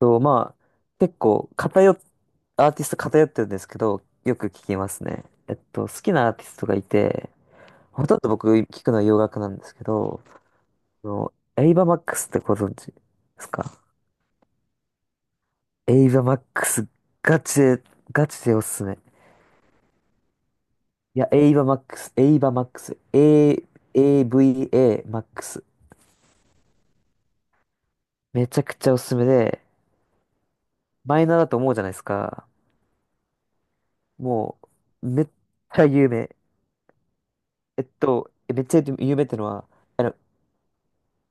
と、まあ、結構アーティスト偏ってるんですけど、よく聞きますね。好きなアーティストがいて、ほとんど僕聞くのは洋楽なんですけど、エイバーマックスってご存知ですか？エイバーマックス、ガチで、ガチでおすすめ。いや、エイバーマックス、エイバーマックス、A、AVA マックス。めちゃくちゃおすすめで、マイナーだと思うじゃないですか。もめっちゃ有名。めっちゃ有名ってのは、あの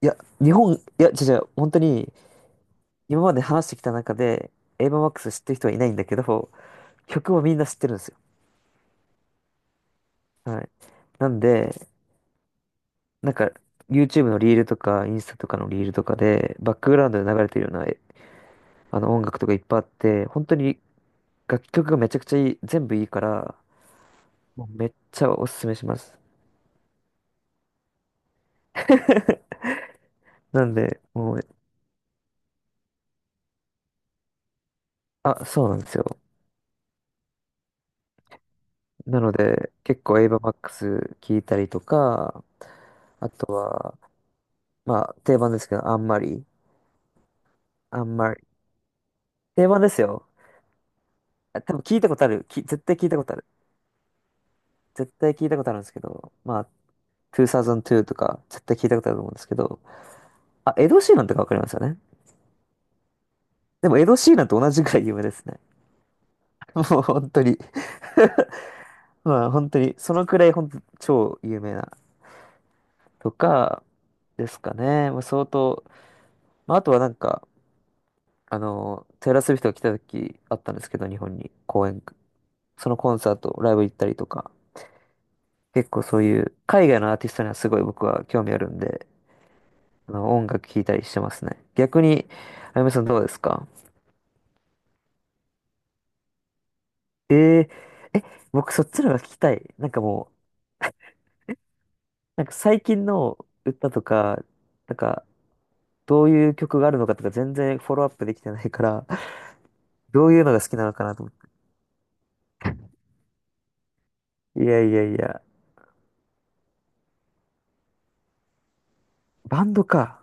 いや、違う違う、本当に、今まで話してきた中で、エイバーマックス知ってる人はいないんだけど、曲はみんな知ってるんですよ。はい。なんで、なんか、YouTube のリールとか、インスタとかのリールとかで、バックグラウンドで流れてるような、えあの、音楽とかいっぱいあって、本当に楽曲がめちゃくちゃいい、全部いいから、もうめっちゃおすすめします。なんで、もう、あ、そうなんですよ。なので、結構エイバーマックス聞いたりとか、あとは、まあ、定番ですけど、あんまり、あんまり。定番ですよ。あ多分聞いたことある。絶対聞いたことある。絶対聞いたことあるんですけど、まあ、2002とか、絶対聞いたことあると思うんですけど、あ、エド・シーランとかわかりますよね。でも、エド・シーランと同じくらい有名ですね。もう、本当に。 まあ、本当に、そのくらい、本当超有名な、とか、ですかね。まあ、相当、まあ、あとはなんか、テイラー・スウィフトが来た時あったんですけど、日本に、公演、そのコンサート、ライブ行ったりとか、結構そういう海外のアーティストにはすごい僕は興味あるんで、あの音楽聴いたりしてますね。逆に、あやめさんどうですか？えー、え、僕そっちの方が聞きたい。なんかもう、なんか最近の歌とか、なんかどういう曲があるのかとか全然フォローアップできてないから、どういうのが好きなのかなと思って。いやいやいや、バンドか。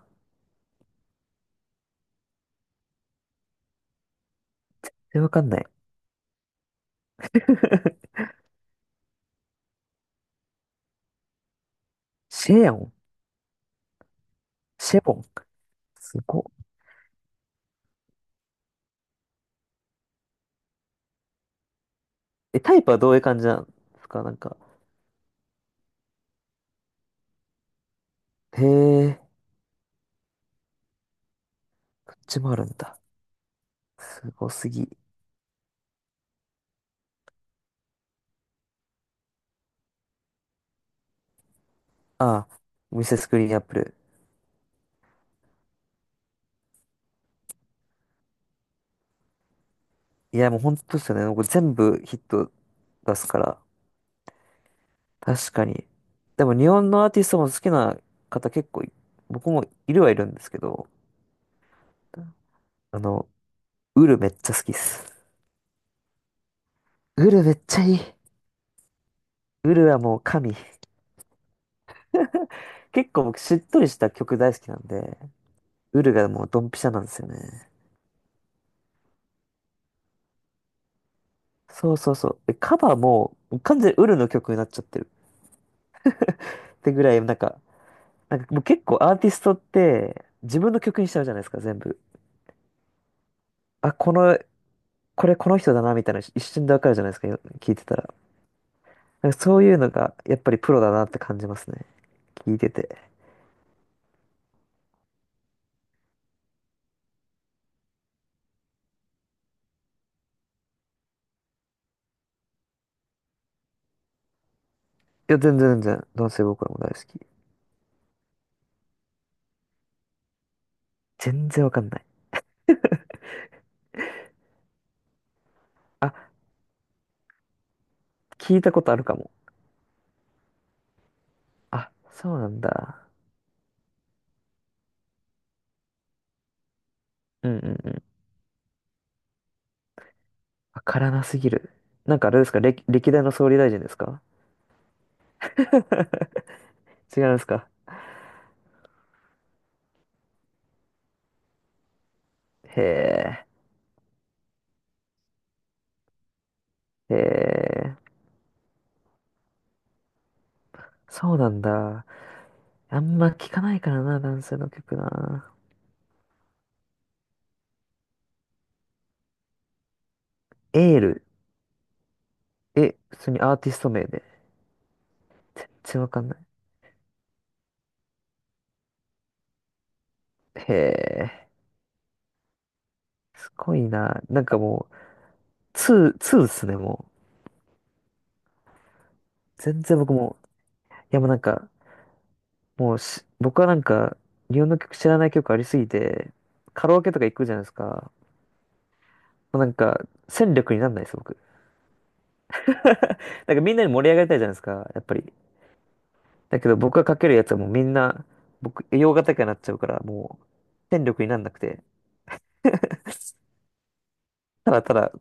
え、わかんない。シェヨン、シェボン。すごっ。え、タイプはどういう感じなんですか？なんか。へえ、こっちもあるんだ。すごすぎ。ああ、ミセスグリーンアップル。いや、もう本当ですよね。これ全部ヒット出すから。確かに。でも日本のアーティストも好きな方結構い、僕もいるはいるんですけど、あの、ウルめっちゃ好きっす。ウルめっちゃいい。ウルはもう神。結構僕しっとりした曲大好きなんで、ウルがもうドンピシャなんですよね。そうそうそう。えカバーも完全にウルの曲になっちゃってる。ってぐらい、なんか、なんかもう結構アーティストって自分の曲にしちゃうじゃないですか、全部。あ、この、これこの人だなみたいなの一瞬でわかるじゃないですか、よ聞いてたら。なんかそういうのがやっぱりプロだなって感じますね。聞いてて。いや、全然全然、男性ボーカルも大好き。全然わかんない。あ、聞いたことあるかも。あ、そうなんだ。うんうんうん。わからなすぎる。なんかあれですか、歴代の総理大臣ですか？ 違うんですか？へえ、へえ、そうなんだ。あんま聞かないからな、男性の曲な。エール。え、普通にアーティスト名で。全然わかんない。へえ、すごいな。なんかもう、ツーっすね、もう。全然僕も。いや、もうなんか、もうし、僕はなんか、日本の曲知らない曲ありすぎて、カラオケとか行くじゃないですか。もうなんか、戦力になんないです、僕。なんかみんなに盛り上がりたいじゃないですか、やっぱり。だけど僕がかけるやつはもうみんな、僕、洋楽とかになっちゃうから、もう、戦力になんなくて、ただただ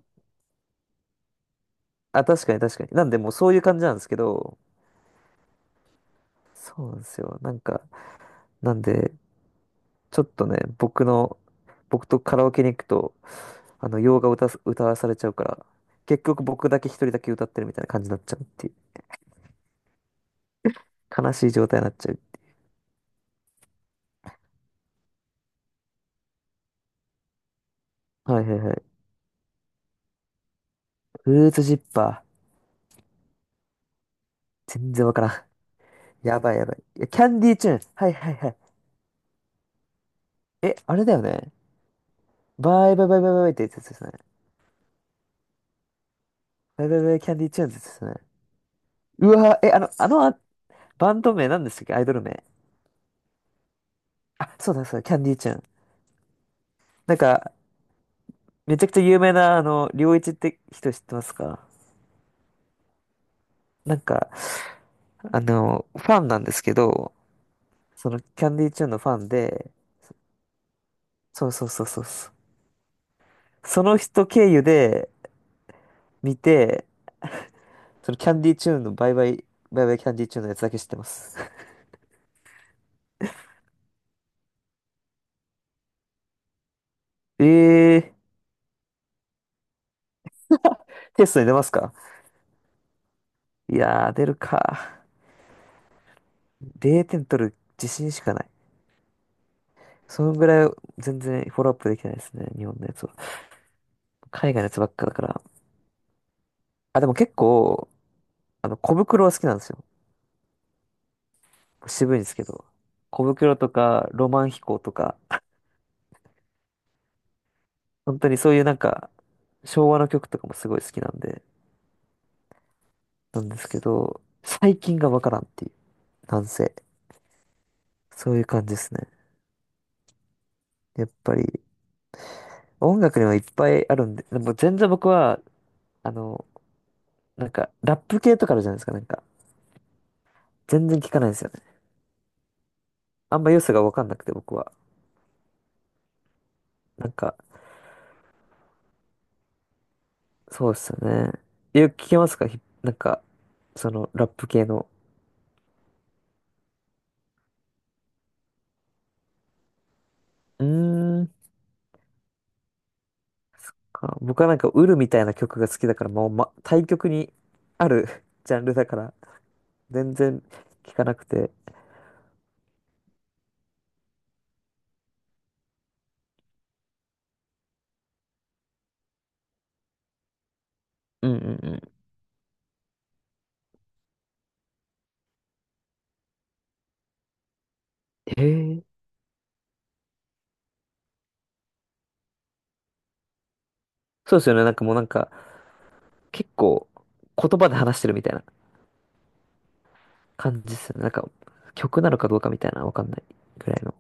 あ、確かに確かに。なんで、もうそういう感じなんですけど、そうなんですよ。なんか、なんで、ちょっとね、僕とカラオケに行くと、洋画歌わされちゃうから、結局僕だけ一人だけ歌ってるみたいな感じになっちゃうっていう。悲しい状態になっちゃう。はいはいはい。フルーツジッパー。全然わからん。やばいやばい。いや、キャンディーチューン。はいはいはい。え、あれだよね。バイバイバイバイバイってやつですね。バイバイバイキャンディーチューンってやつですね。うわ、え、あの、あの、あバンド名なんでしたっけ？アイドル名。あ、そうだそうだ、キャンディーちゃん。なんか、めちゃくちゃ有名な、良一って人知ってますか？なんか、ファンなんですけど、その、キャンディーちゃんのファンで、そうそうそうそうそう。その人経由で見て、そのキャンディーチューンのバイバイ、バイバイキャンディーチューンのやつだけ知ってます。えー、テストに出ますか？いやー、出るか。0点取る自信しかない。そのぐらい全然フォローアップできないですね、日本のやつは。海外のやつばっかだから。あ、でも結構、小袋は好きなんですよ。渋いんですけど。小袋とか、ロマン飛行とか、本当にそういうなんか、昭和の曲とかもすごい好きなんで、なんですけど、最近がわからんっていう、なんせ。そういう感じですね。やっぱり、音楽にはいっぱいあるんで、でも全然僕は、あの、ラップ系とかあるじゃないですか、なんか。全然聞かないんですよね。あんま良さがわかんなくて、僕は。なんか、そうっすよね。よく聞けますかひなんか、その、ラップ系の。うーん。か僕はなんか、ウルみたいな曲が好きだから、もう、ま、対極にある ジャンルだから、全然聞かなくて。うんうんうん。へえ。そうですよね。なんかもうなんか、結構、言葉で話してるみたいな感じですよね。なんか、曲なのかどうかみたいな、わかんないぐらいの。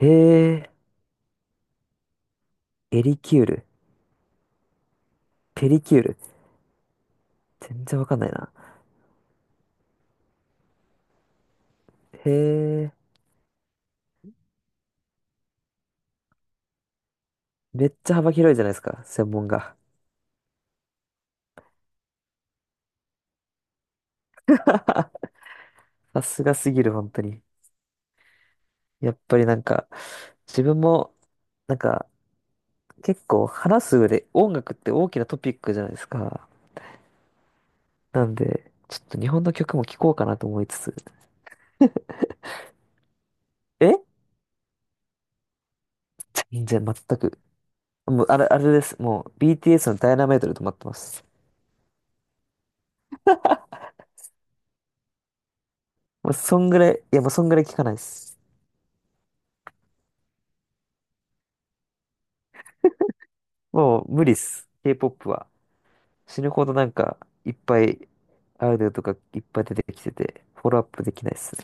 へえ。エリキュール。ペリキュール。全然わかんないな。へえ。めっちゃ幅広いじゃないですか、専門が。さすがすぎる、本当に。やっぱりなんか、自分も、なんか、結構話す上で音楽って大きなトピックじゃないですか。なんで、ちょっと日本の曲も聴こうかなと思いつつ。えじゃ、全く。もう、あれ、あれです。もう、BTS のダイナマイトで止まってます。もう、そんぐらい、いや、もうそんぐらい聴かないです。もう、無理っす。K-POP は。死ぬほどなんか、いっぱい、アイドルとかいっぱい出てきてて、フォローアップできないっす。